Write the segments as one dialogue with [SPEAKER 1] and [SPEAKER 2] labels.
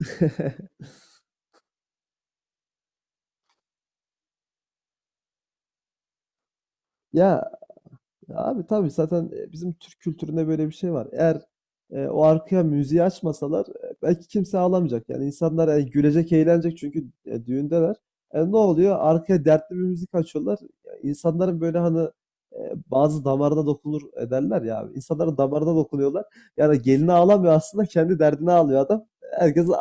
[SPEAKER 1] Ya abi tabii zaten bizim Türk kültüründe böyle bir şey var. Eğer o arkaya müziği açmasalar belki kimse ağlamayacak. Yani insanlar gülecek, eğlenecek çünkü düğündeler. E, ne oluyor? Arkaya dertli bir müzik açıyorlar. Ya, İnsanların böyle hani bazı damarda dokunur ederler ya, abi. İnsanların damarına dokunuyorlar. Yani gelini ağlamıyor aslında kendi derdine ağlıyor adam. Herkes ağ-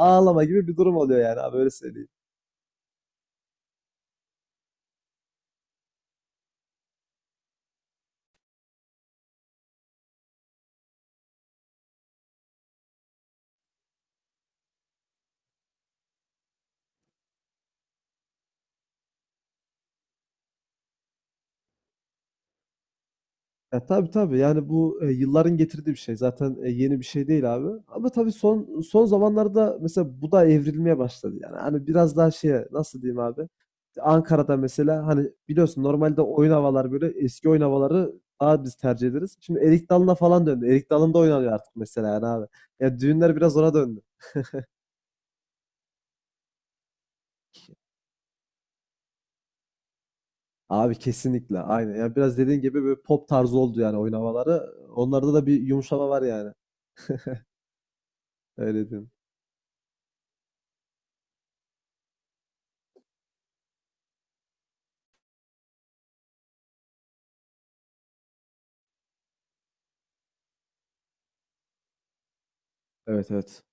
[SPEAKER 1] Ağlama gibi bir durum oluyor yani abi, öyle söyleyeyim. Ya, tabii tabii. Yani bu yılların getirdiği bir şey. Zaten yeni bir şey değil abi. Ama tabii son zamanlarda mesela bu da evrilmeye başladı. Yani hani biraz daha şeye nasıl diyeyim abi? Ankara'da mesela hani biliyorsun normalde oyun havalar böyle eski oyun havaları daha biz tercih ederiz. Şimdi Erik Dalı'na falan döndü. Erik Dalı'nda oynanıyor artık mesela yani abi. Ya düğünler biraz ona döndü. Abi kesinlikle aynen. Yani biraz dediğin gibi böyle pop tarzı oldu yani oyun havaları. Onlarda da bir yumuşama var yani. Öyle diyeyim. Evet, evet.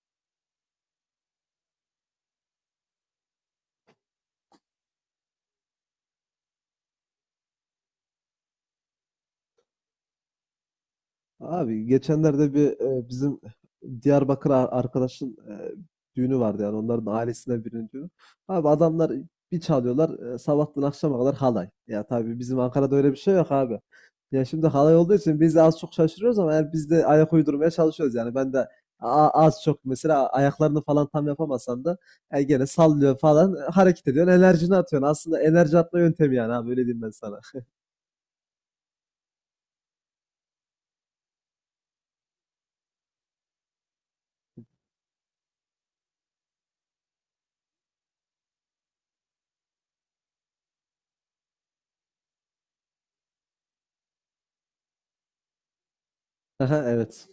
[SPEAKER 1] Abi geçenlerde bir bizim Diyarbakır arkadaşın düğünü vardı, yani onların ailesinden birinin düğünü. Abi adamlar bir çalıyorlar sabahtan akşama kadar halay. Ya tabii bizim Ankara'da öyle bir şey yok abi. Ya şimdi halay olduğu için biz de az çok şaşırıyoruz ama yani biz de ayak uydurmaya çalışıyoruz yani. Ben de az çok mesela ayaklarını falan tam yapamasan da gene sallıyor falan, hareket ediyorsun, enerjini atıyorsun. Aslında enerji atma yöntemi yani abi, öyle diyeyim ben sana. Aha, evet.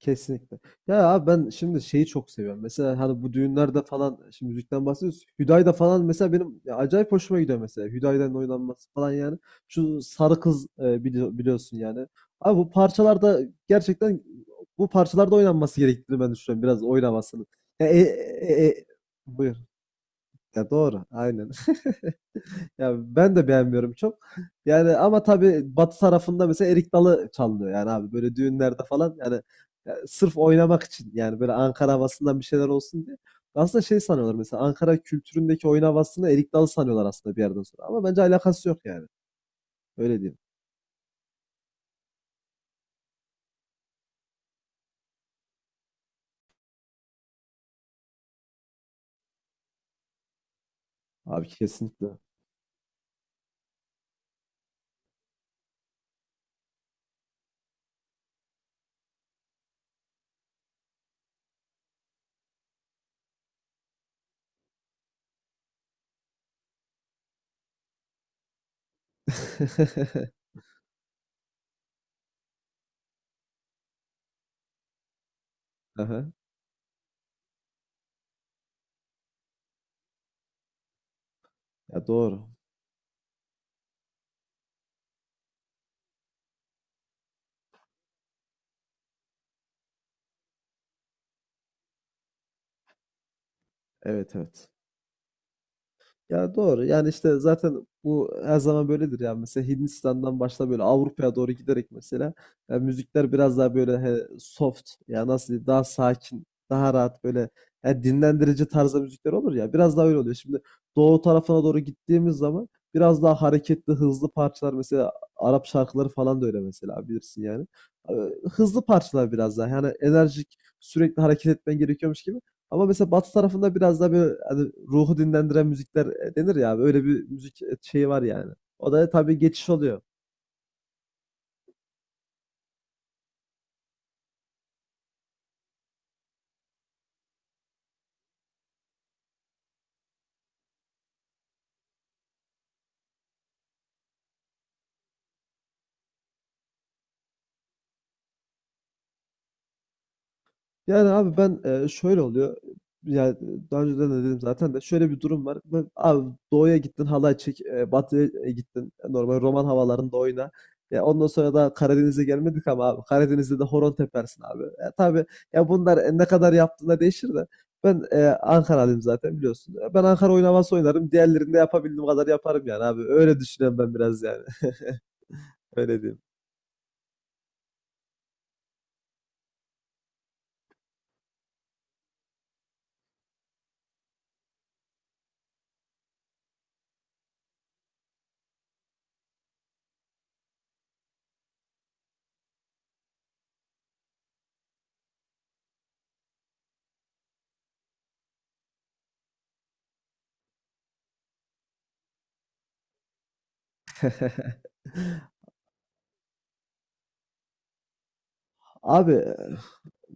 [SPEAKER 1] Kesinlikle. Ya abi ben şimdi şeyi çok seviyorum. Mesela hani bu düğünlerde falan şimdi müzikten bahsediyoruz. Hüdayda falan mesela benim ya acayip hoşuma gidiyor mesela. Hüdayda'nın oynanması falan yani. Şu Sarı Kız, biliyorsun yani. Abi bu parçalarda gerçekten bu parçalarda oynanması gerektiğini ben düşünüyorum. Biraz oynamasının. Ya, buyur. Ya doğru. Aynen. Ya ben de beğenmiyorum çok. Yani ama tabii batı tarafında mesela erik dalı çalınıyor yani abi böyle düğünlerde falan yani, ya sırf oynamak için yani, böyle Ankara havasından bir şeyler olsun diye. Aslında şey sanıyorlar, mesela Ankara kültüründeki oyun havasını erik dalı sanıyorlar aslında bir yerden sonra, ama bence alakası yok yani. Öyle diyeyim. Abi kesinlikle. Aha. Ya doğru. Evet, evet. Ya doğru. Yani işte zaten bu her zaman böyledir ya. Mesela Hindistan'dan başla böyle Avrupa'ya doğru giderek mesela ya müzikler biraz daha böyle soft ya nasıl diyeyim, daha sakin, daha rahat, böyle ya dinlendirici tarzda müzikler olur ya. Biraz daha öyle oluyor. Şimdi doğu tarafına doğru gittiğimiz zaman biraz daha hareketli, hızlı parçalar mesela Arap şarkıları falan da öyle mesela bilirsin yani. Ee, Hızlı parçalar biraz daha. Yani enerjik, sürekli hareket etmen gerekiyormuş gibi. Ama mesela Batı tarafında biraz daha böyle hani ruhu dinlendiren müzikler denir ya abi. Öyle bir müzik şeyi var yani. O da tabii geçiş oluyor. Yani abi ben, şöyle oluyor, yani daha önce de dedim zaten de şöyle bir durum var. Ben abi, doğuya gittin halay çek, batıya, gittin normal roman havalarında oyna. Ya, ondan sonra da Karadeniz'e gelmedik ama abi Karadeniz'de de horon tepersin abi. E, tabii ya bunlar, ne kadar yaptığına değişir de ben, Ankaralıyım zaten biliyorsun. E, ben Ankara oynaması oynarım. Diğerlerini de yapabildiğim kadar yaparım yani abi. Öyle düşünüyorum ben biraz yani. Öyle diyeyim. Abi,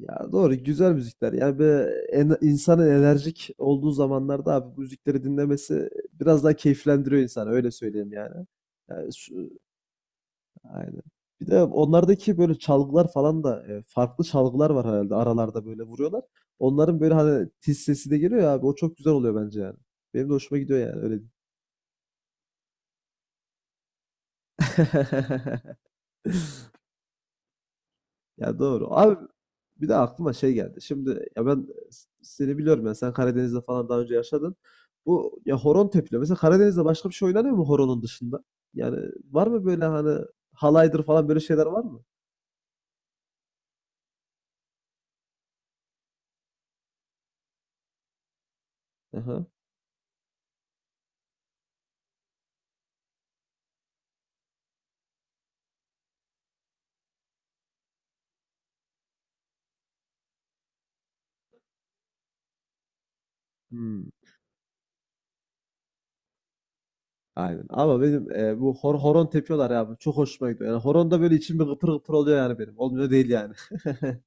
[SPEAKER 1] ya doğru, güzel müzikler. Yani böyle insanın enerjik olduğu zamanlarda abi bu müzikleri dinlemesi biraz daha keyiflendiriyor insanı, öyle söyleyeyim yani. Yani şu, aynen. Bir de onlardaki böyle çalgılar falan da farklı çalgılar var herhalde, aralarda böyle vuruyorlar. Onların böyle hani tiz sesi de geliyor ya abi, o çok güzel oluyor bence yani. Benim de hoşuma gidiyor yani, öyle diyeyim. Ya doğru. Abi bir de aklıma şey geldi. Şimdi ya ben seni biliyorum ya, sen Karadeniz'de falan daha önce yaşadın. Bu ya horon tepiliyor. Mesela Karadeniz'de başka bir şey oynanıyor mu horonun dışında? Yani var mı böyle hani halaydır falan, böyle şeyler var mı? Aha. Hmm. Aynen. Ama benim bu horon tepiyorlar ya abi. Çok hoşuma gidiyor. Yani horonda böyle içim bir gıpır gıpır oluyor yani benim. Olmuyor değil yani.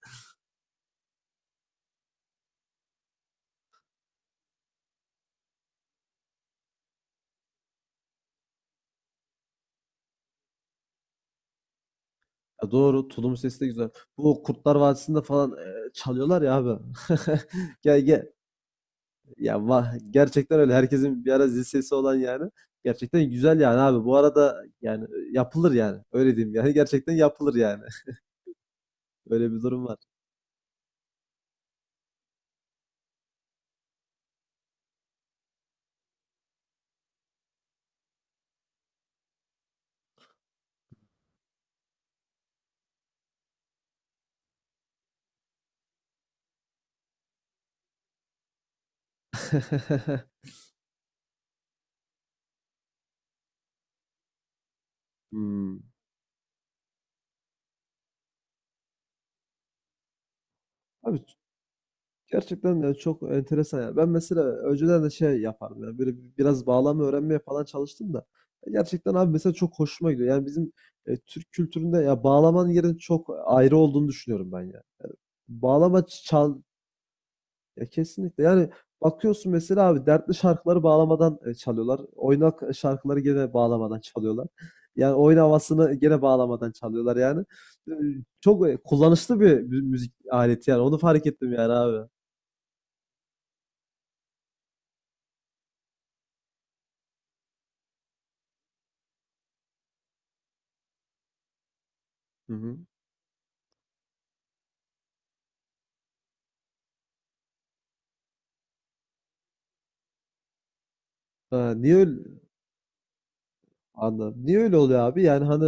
[SPEAKER 1] Ya doğru. Tulum sesi de güzel. Bu Kurtlar Vadisi'nde falan çalıyorlar ya abi. Gel gel. Ya, gerçekten öyle. Herkesin bir ara zil sesi olan yani. Gerçekten güzel yani abi. Bu arada yani yapılır yani. Öyle diyeyim yani. Gerçekten yapılır yani. Öyle bir durum var. Hmm. Abi gerçekten ya çok enteresan yani. Ben mesela önceden de şey yapardım yani böyle biraz bağlama öğrenmeye falan çalıştım da gerçekten abi mesela çok hoşuma gidiyor. Yani bizim Türk kültüründe ya bağlamanın yerinin çok ayrı olduğunu düşünüyorum ben ya. Bağlama çal. Ya kesinlikle. Yani bakıyorsun mesela abi, dertli şarkıları bağlamadan çalıyorlar. Oynak şarkıları gene bağlamadan çalıyorlar. Yani oyun havasını gene bağlamadan çalıyorlar yani. E, Çok kullanışlı bir müzik aleti yani. Onu fark ettim yani abi. Hı hı. Ha, niye öyle, anladım. Niye öyle oluyor abi? Yani hani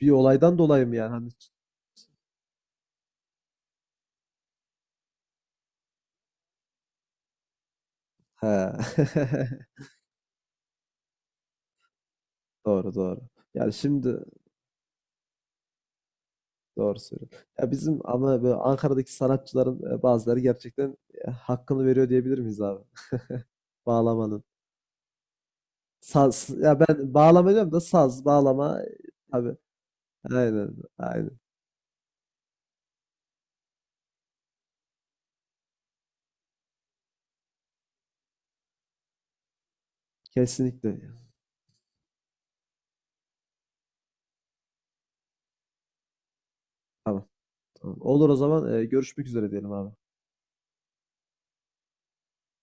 [SPEAKER 1] bir olaydan dolayı mı yani? Hani he. Doğru doğru. Yani şimdi doğru söylüyorsun. Ya bizim ama böyle Ankara'daki sanatçıların bazıları gerçekten hakkını veriyor diyebilir miyiz abi? Bağlamanın. Saz. Ya ben bağlama diyorum da, saz, bağlama, tabii. Aynen, aynen. Kesinlikle. Tamam, tamam. Olur o zaman, görüşmek üzere diyelim abi.